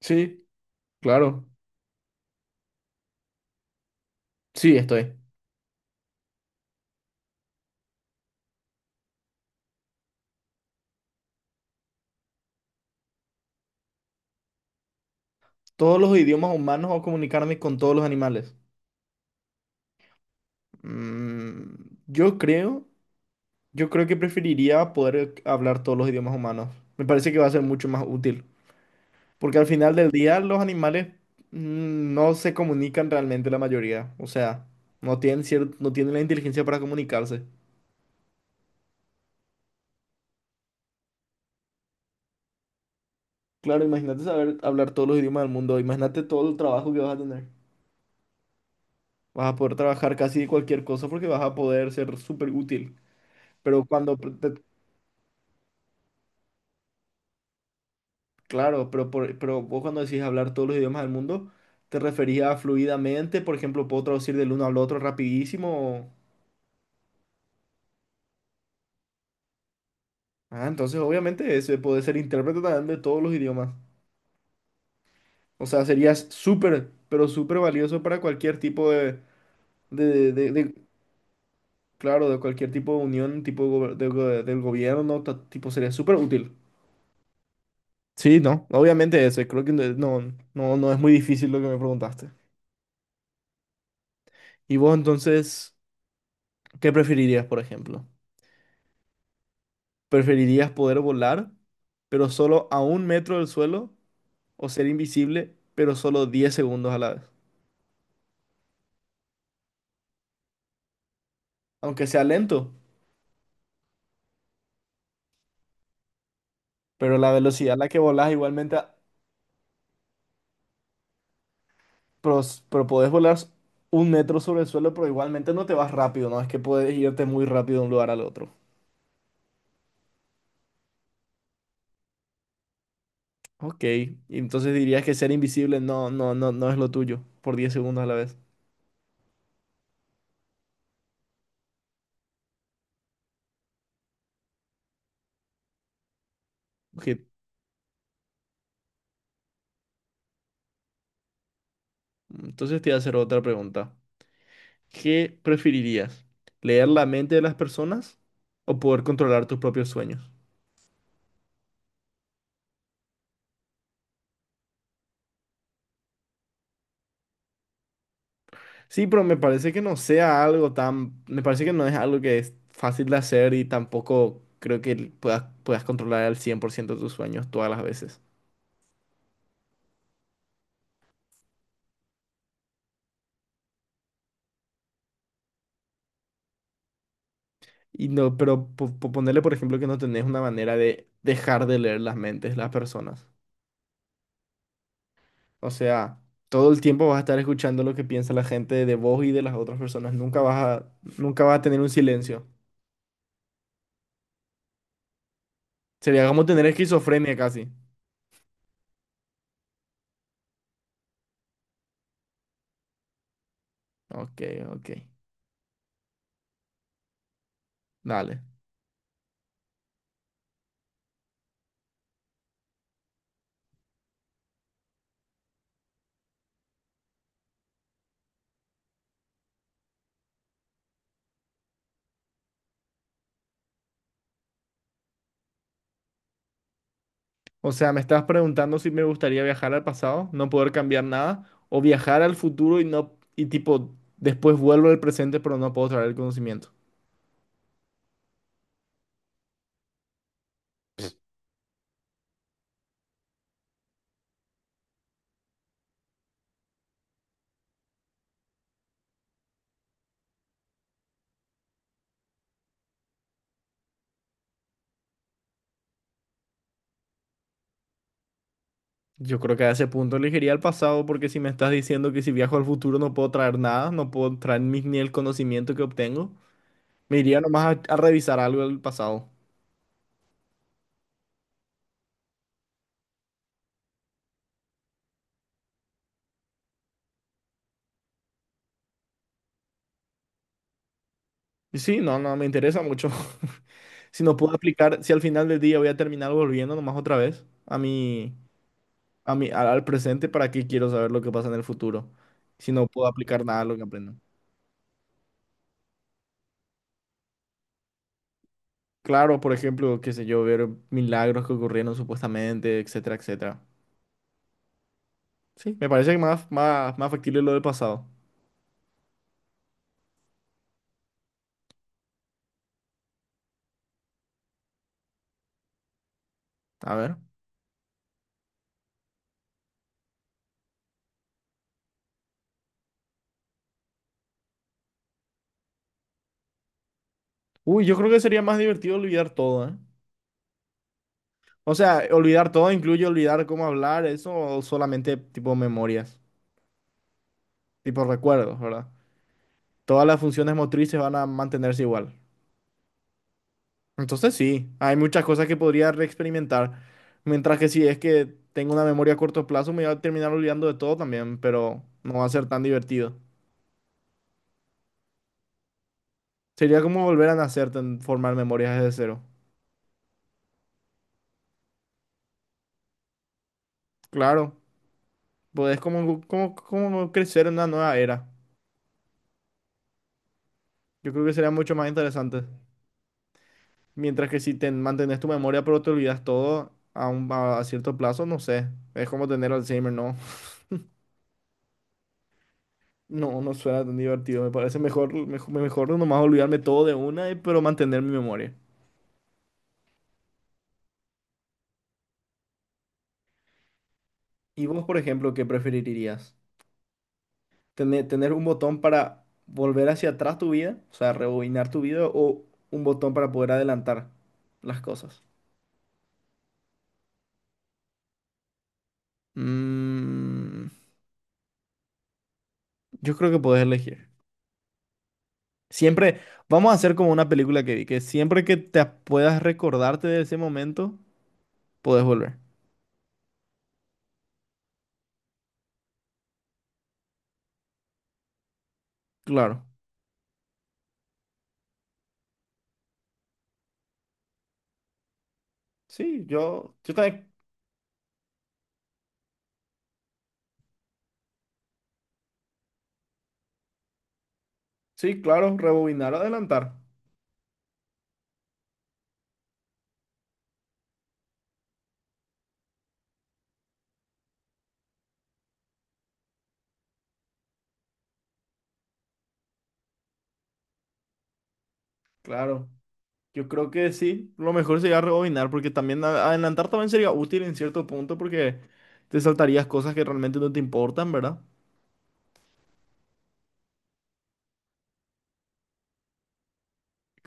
Sí, claro. Sí, estoy. Todos los idiomas humanos o comunicarme con todos los animales. Mm, yo creo, yo creo que preferiría poder hablar todos los idiomas humanos. Me parece que va a ser mucho más útil. Porque al final del día los animales no se comunican realmente la mayoría. O sea, no tienen la inteligencia para comunicarse. Claro, imagínate saber hablar todos los idiomas del mundo. Imagínate todo el trabajo que vas a tener. Vas a poder trabajar casi de cualquier cosa porque vas a poder ser súper útil. Pero cuando Claro, pero vos cuando decís hablar todos los idiomas del mundo, ¿te referías a fluidamente? Por ejemplo, ¿puedo traducir del uno al otro rapidísimo? Ah, entonces obviamente ese puede ser intérprete también de todos los idiomas. O sea, serías súper, pero súper valioso para cualquier tipo de, de- de- claro, de cualquier tipo de unión, tipo gober- de go- del gobierno, tipo, sería súper útil. Sí, no, obviamente ese, creo que no es muy difícil lo que me preguntaste. ¿Y vos entonces qué preferirías, por ejemplo? ¿Preferirías poder volar, pero solo a 1 metro del suelo, o ser invisible, pero solo 10 segundos a la vez? Aunque sea lento, pero la velocidad a la que volás igualmente, pero 1 metro sobre el suelo, pero igualmente no te vas rápido, no es que puedes irte muy rápido de un lugar al otro. Ok, y entonces dirías que ser invisible no es lo tuyo, por 10 segundos a la vez. Ok, entonces te voy a hacer otra pregunta. ¿Qué preferirías? ¿Leer la mente de las personas o poder controlar tus propios sueños? Sí, pero me parece que no sea algo tan... Me parece que no es algo que es fácil de hacer y tampoco creo que puedas controlar al 100% tus sueños todas las veces. Y no, pero ponerle, por ejemplo, que no tenés una manera de dejar de leer las mentes de las personas. O sea, todo el tiempo vas a estar escuchando lo que piensa la gente de vos y de las otras personas. A, nunca vas a tener un silencio. Sería como tener esquizofrenia casi. Ok, ok. Dale. O sea, me estás preguntando si me gustaría viajar al pasado, no poder cambiar nada, o viajar al futuro y no, y tipo, después vuelvo al presente, pero no puedo traer el conocimiento. Yo creo que a ese punto elegiría el pasado, porque si me estás diciendo que si viajo al futuro no puedo traer nada, no puedo traer ni el conocimiento que obtengo, me iría nomás a revisar algo del pasado. Y sí, no, no, me interesa mucho. Si no puedo aplicar, si al final del día voy a terminar volviendo nomás otra vez a mi, a mí, al presente, ¿para qué quiero saber lo que pasa en el futuro? Si no puedo aplicar nada de lo que aprendo. Claro, por ejemplo, qué sé yo, ver milagros que ocurrieron supuestamente, etcétera, etcétera. Sí, me parece que más factible lo del pasado. A ver. Uy, yo creo que sería más divertido olvidar todo, ¿eh? O sea, olvidar todo incluye olvidar cómo hablar, eso, o solamente tipo memorias, tipo recuerdos, ¿verdad? Todas las funciones motrices van a mantenerse igual. Entonces sí, hay muchas cosas que podría reexperimentar. Mientras que si es que tengo una memoria a corto plazo, me voy a terminar olvidando de todo también, pero no va a ser tan divertido. Sería como volver a nacer, formar memorias desde cero. Claro, podés como crecer en una nueva era. Yo creo que sería mucho más interesante. Mientras que si te mantenés tu memoria pero te olvidas todo a, un, a cierto plazo, no sé. Es como tener Alzheimer, ¿no? No, no suena tan divertido. Me parece mejor nomás olvidarme todo de una, pero mantener mi memoria. ¿Y vos, por ejemplo, qué preferirías? ¿Tener un botón para volver hacia atrás tu vida? O sea, rebobinar tu vida o un botón para poder adelantar las cosas. Mm, yo creo que podés elegir. Siempre, vamos a hacer como una película que vi, que siempre que te puedas recordarte de ese momento, podés volver. Claro. Sí, yo también. Sí, claro, rebobinar o adelantar. Claro, yo creo que sí, lo mejor sería rebobinar porque también adelantar también sería útil en cierto punto porque te saltarías cosas que realmente no te importan, ¿verdad?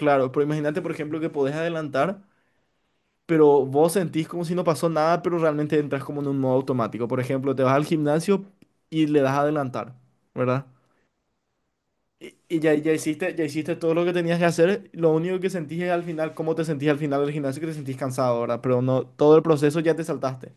Claro, pero imagínate por ejemplo que podés adelantar, pero vos sentís como si no pasó nada, pero realmente entras como en un modo automático. Por ejemplo, te vas al gimnasio y le das a adelantar, ¿verdad? Y ya, ya hiciste todo lo que tenías que hacer, lo único que sentís es al final, cómo te sentís al final del gimnasio, que te sentís cansado, ¿verdad? Pero no, todo el proceso ya te saltaste.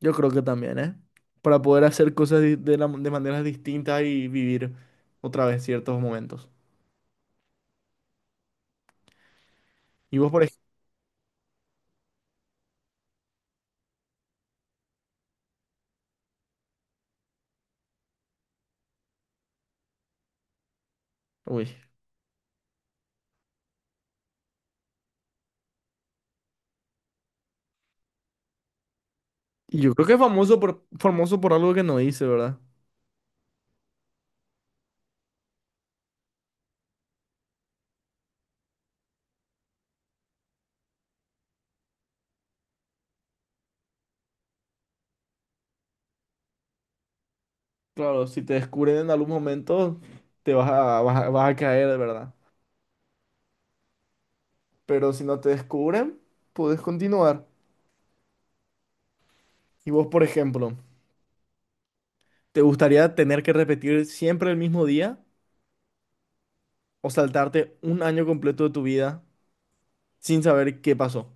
Yo creo que también, ¿eh? Para poder hacer cosas de maneras distintas y vivir otra vez ciertos momentos. Y vos, por ejemplo, uy. Y yo creo que es famoso por algo que no hice, ¿verdad? Claro, si te descubren en algún momento, te vas a, vas a, vas a caer, de verdad. Pero si no te descubren, puedes continuar. Y vos, por ejemplo, ¿te gustaría tener que repetir siempre el mismo día o saltarte 1 año completo de tu vida sin saber qué pasó?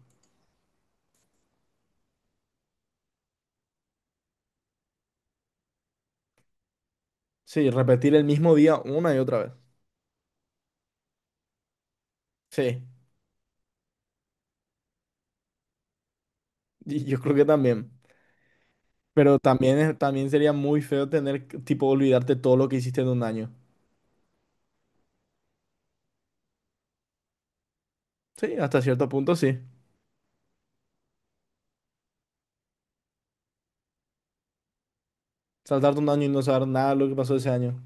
Sí, repetir el mismo día una y otra vez. Sí. Yo creo que también. Pero también, también sería muy feo tener, que, tipo, olvidarte todo lo que hiciste en 1 año. Sí, hasta cierto punto sí. Saltarte un año y no saber nada de lo que pasó ese año.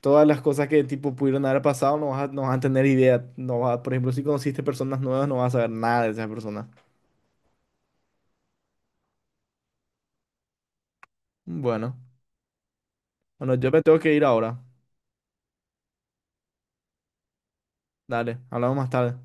Todas las cosas que, tipo, pudieron haber pasado no vas a tener idea. No vas a- por ejemplo, si conociste personas nuevas, no vas a saber nada de esas personas. Bueno. Bueno, yo me tengo que ir ahora. Dale, hablamos más tarde.